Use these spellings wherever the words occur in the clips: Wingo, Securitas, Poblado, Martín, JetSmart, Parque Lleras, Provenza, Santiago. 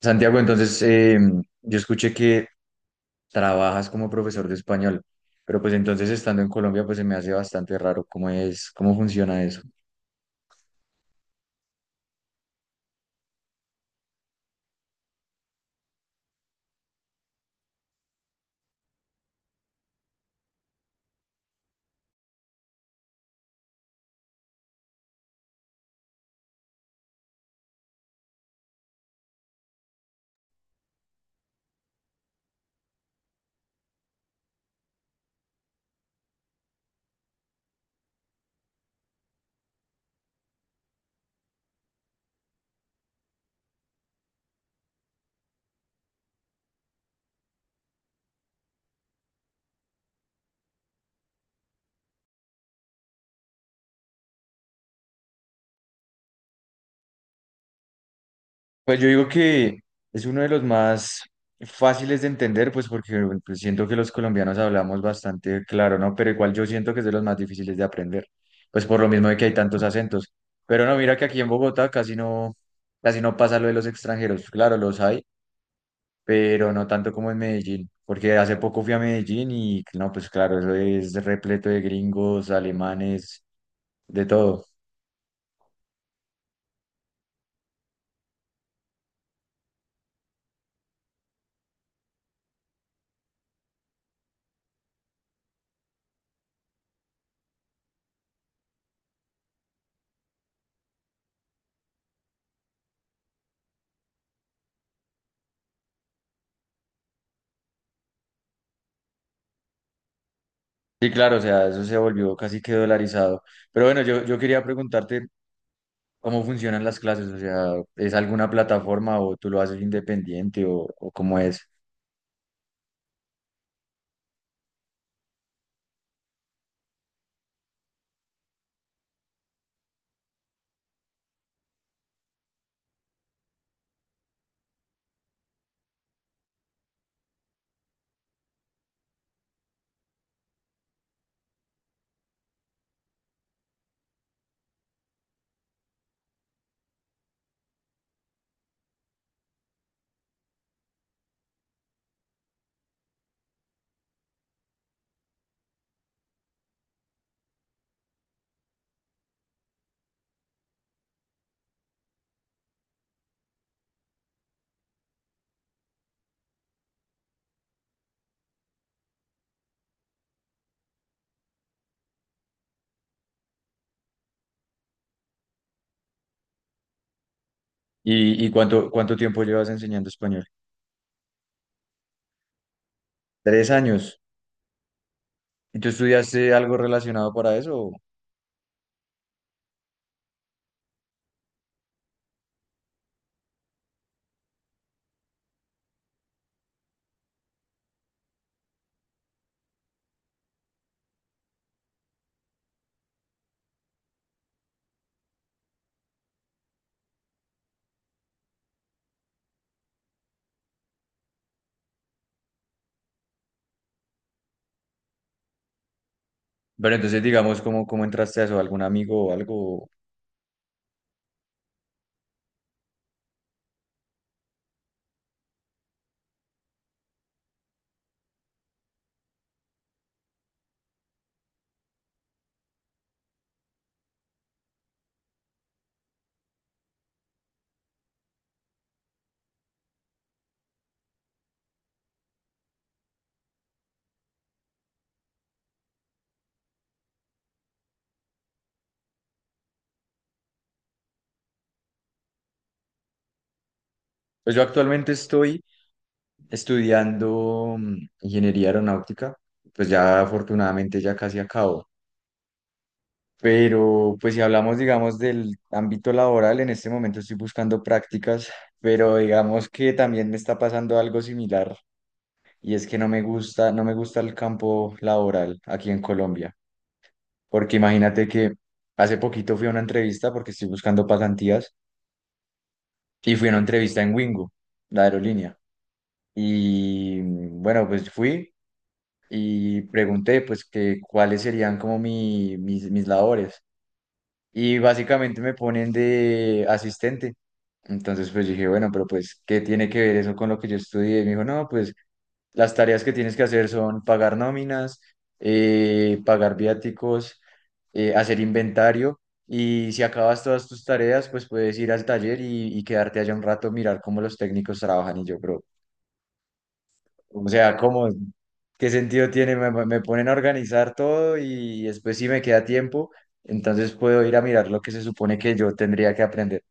Santiago, entonces yo escuché que trabajas como profesor de español, pero pues entonces estando en Colombia pues se me hace bastante raro cómo es, cómo funciona eso. Pues yo digo que es uno de los más fáciles de entender, pues porque pues, siento que los colombianos hablamos bastante claro, ¿no? Pero igual yo siento que es de los más difíciles de aprender, pues por lo mismo de que hay tantos acentos. Pero no, mira que aquí en Bogotá casi no pasa lo de los extranjeros. Claro, los hay pero no tanto como en Medellín, porque hace poco fui a Medellín y no, pues claro, eso es repleto de gringos, alemanes, de todo. Sí, claro, o sea, eso se volvió casi que dolarizado. Pero bueno, yo quería preguntarte cómo funcionan las clases, o sea, ¿es alguna plataforma o tú lo haces independiente o cómo es? ¿Y, y cuánto tiempo llevas enseñando español? Tres años. ¿Y tú estudiaste algo relacionado para eso? Bueno, entonces digamos, ¿cómo, cómo entraste a eso? ¿Algún amigo o algo? Pues yo actualmente estoy estudiando ingeniería aeronáutica, pues ya afortunadamente ya casi acabo. Pero pues si hablamos, digamos, del ámbito laboral, en este momento estoy buscando prácticas, pero digamos que también me está pasando algo similar y es que no me gusta, no me gusta el campo laboral aquí en Colombia, porque imagínate que hace poquito fui a una entrevista porque estoy buscando pasantías y fui a una entrevista en Wingo, la aerolínea. Y bueno, pues fui, y pregunté pues que cuáles serían como mis labores y básicamente me ponen de asistente. Entonces pues dije, bueno, pero pues ¿qué tiene que ver eso con lo que yo estudié? Y me dijo, no, pues las tareas que tienes que hacer son pagar nóminas, pagar viáticos, hacer inventario y si acabas todas tus tareas pues puedes ir al taller y quedarte allá un rato, mirar cómo los técnicos trabajan y yo, bro. O sea, ¿cómo? ¿Qué sentido tiene? Me ponen a organizar todo y después si me queda tiempo, entonces puedo ir a mirar lo que se supone que yo tendría que aprender.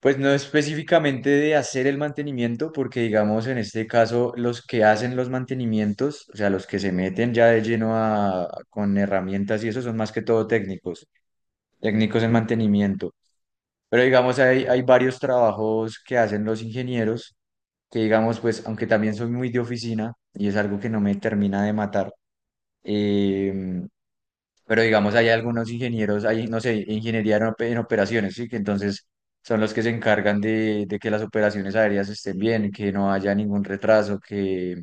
Pues no específicamente de hacer el mantenimiento, porque digamos en este caso los que hacen los mantenimientos, o sea, los que se meten ya de lleno a, con herramientas y eso son más que todo técnicos, técnicos en mantenimiento. Pero digamos hay, hay varios trabajos que hacen los ingenieros que digamos, pues, aunque también soy muy de oficina y es algo que no me termina de matar, eh, pero digamos, hay algunos ingenieros, hay, no sé, ingeniería en en operaciones, ¿sí? Que entonces son los que se encargan de que las operaciones aéreas estén bien, que no haya ningún retraso, que...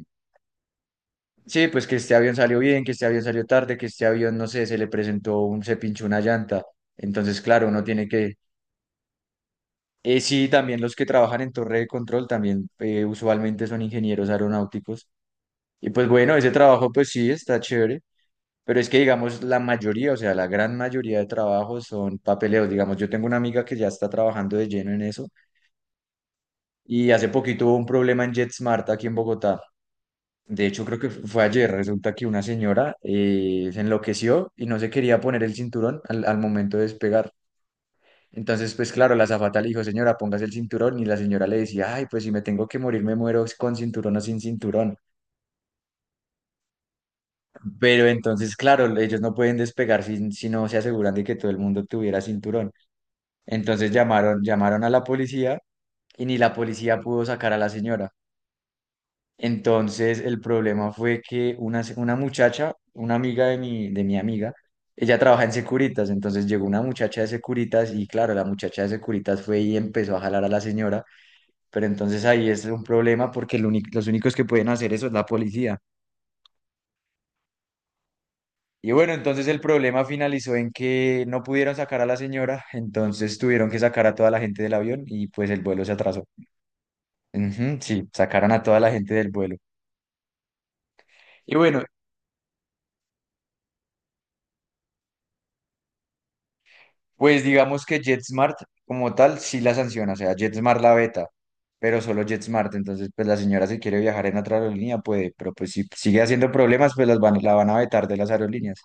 Sí, pues que este avión salió bien, que este avión salió tarde, que este avión, no sé, se le presentó un, se pinchó una llanta. Entonces, claro, uno tiene que... sí, también los que trabajan en torre de control también usualmente son ingenieros aeronáuticos. Y pues bueno, ese trabajo pues sí está chévere, pero es que digamos la mayoría, o sea, la gran mayoría de trabajos son papeleos. Digamos, yo tengo una amiga que ya está trabajando de lleno en eso y hace poquito hubo un problema en JetSmart aquí en Bogotá. De hecho, creo que fue ayer. Resulta que una señora se enloqueció y no se quería poner el cinturón al momento de despegar. Entonces, pues claro, la azafata le dijo, señora, póngase el cinturón y la señora le decía, ay, pues si me tengo que morir, me muero con cinturón o sin cinturón. Pero entonces, claro, ellos no pueden despegar si, si no se aseguran de que todo el mundo tuviera cinturón. Entonces llamaron, llamaron a la policía y ni la policía pudo sacar a la señora. Entonces el problema fue que una, una muchacha, una amiga de mi amiga, ella trabaja en Securitas, entonces llegó una muchacha de Securitas y claro, la muchacha de Securitas fue y empezó a jalar a la señora, pero entonces ahí es un problema porque los únicos que pueden hacer eso es la policía. Y bueno, entonces el problema finalizó en que no pudieron sacar a la señora, entonces tuvieron que sacar a toda la gente del avión y pues el vuelo se atrasó. Ujú, sí, sacaron a toda la gente del vuelo. Y bueno, pues digamos que JetSmart como tal sí la sanciona, o sea, JetSmart la veta, pero solo JetSmart, entonces pues la señora si quiere viajar en otra aerolínea puede, pero pues si sigue haciendo problemas pues las van, la van a vetar de las aerolíneas.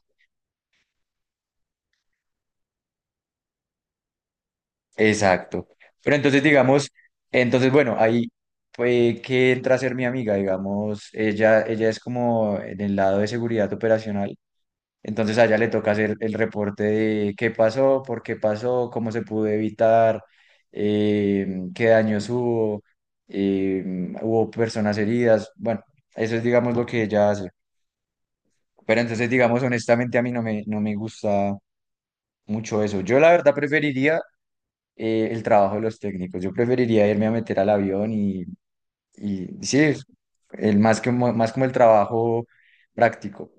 Exacto. Pero entonces, digamos, entonces, bueno, ahí fue que entra a ser mi amiga, digamos, ella es como en el lado de seguridad operacional, entonces a ella le toca hacer el reporte de qué pasó, por qué pasó, cómo se pudo evitar, eh, qué daños hubo, eh, hubo personas heridas, bueno, eso es, digamos, lo que ella hace. Pero entonces, digamos, honestamente, a mí no me gusta mucho eso. Yo la verdad preferiría el trabajo de los técnicos. Yo preferiría irme a meter al avión y sí, es el, más que, más como el trabajo práctico.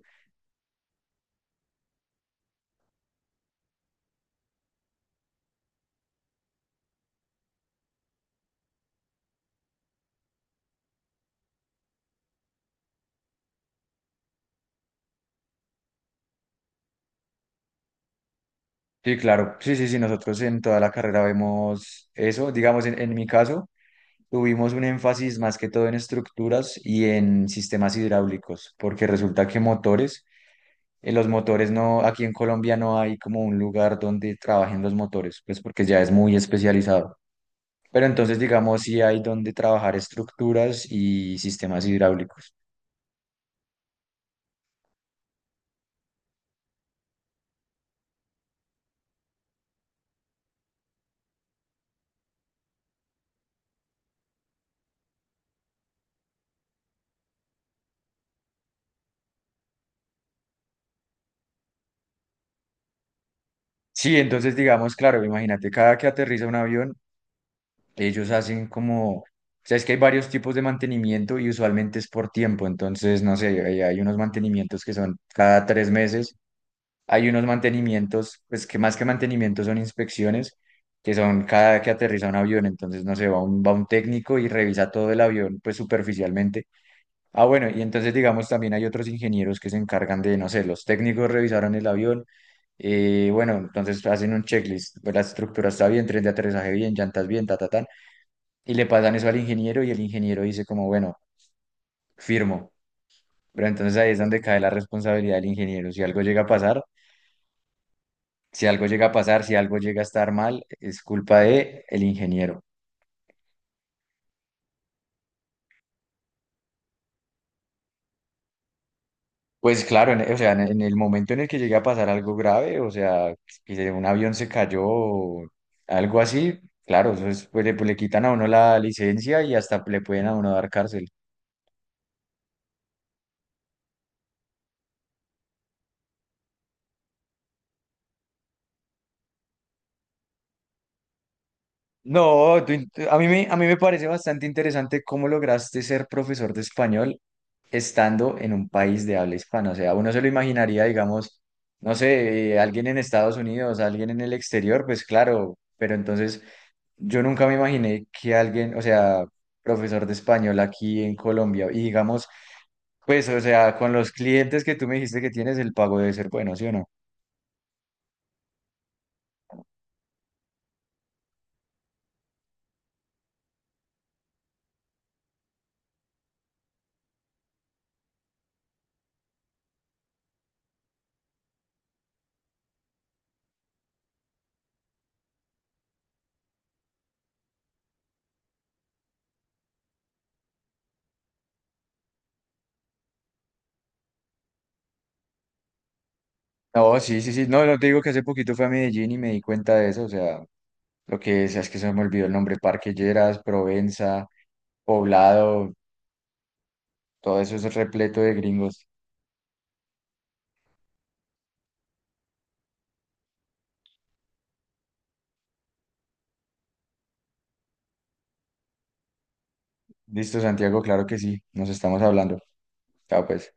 Sí, claro, sí, sí, sí, nosotros en toda la carrera vemos eso. Digamos, en mi caso, tuvimos un énfasis más que todo en estructuras y en sistemas hidráulicos, porque resulta que motores, en los motores no, aquí en Colombia no hay como un lugar donde trabajen los motores, pues porque ya es muy especializado. Pero entonces, digamos, sí hay donde trabajar estructuras y sistemas hidráulicos. Sí, entonces, digamos, claro, imagínate, cada que aterriza un avión, ellos hacen como, o sea, es que hay varios tipos de mantenimiento y usualmente es por tiempo. Entonces, no sé, hay unos mantenimientos que son cada tres meses, hay unos mantenimientos, pues que más que mantenimientos son inspecciones, que son cada que aterriza un avión. Entonces, no sé, va un técnico y revisa todo el avión, pues superficialmente. Ah, bueno, y entonces digamos también hay otros ingenieros que se encargan de, no sé, los técnicos revisaron el avión, bueno, entonces hacen un checklist, pues, la estructura está bien, tren de aterrizaje bien, llantas bien, ta, ta, tan, y le pasan eso al ingeniero y el ingeniero dice como, bueno, firmo, pero entonces ahí es donde cae la responsabilidad del ingeniero, si algo llega a pasar, si algo llega a pasar, si algo llega a estar mal, es culpa de el ingeniero. Pues claro, en- o sea, en el momento en el que llegue a pasar algo grave, o sea, que un avión se cayó o algo así, claro, eso es, pues, le quitan a uno la licencia y hasta le pueden a uno dar cárcel. No, a mí me parece bastante interesante cómo lograste ser profesor de español estando en un país de habla hispana. O sea, uno se lo imaginaría, digamos, no sé, alguien en Estados Unidos, alguien en el exterior, pues claro, pero entonces... Yo nunca me imaginé que alguien, o sea, profesor de español aquí en Colombia, y digamos, pues, o sea, con los clientes que tú me dijiste que tienes, el pago debe ser bueno, ¿sí o no? No, sí, sí, sí. No, no te digo que hace poquito fui a Medellín y me di cuenta de eso, o sea, lo que es que se me olvidó el nombre, Parque Lleras, Provenza, Poblado, todo eso es repleto de gringos. Listo, Santiago, claro que sí, nos estamos hablando. Chao, pues.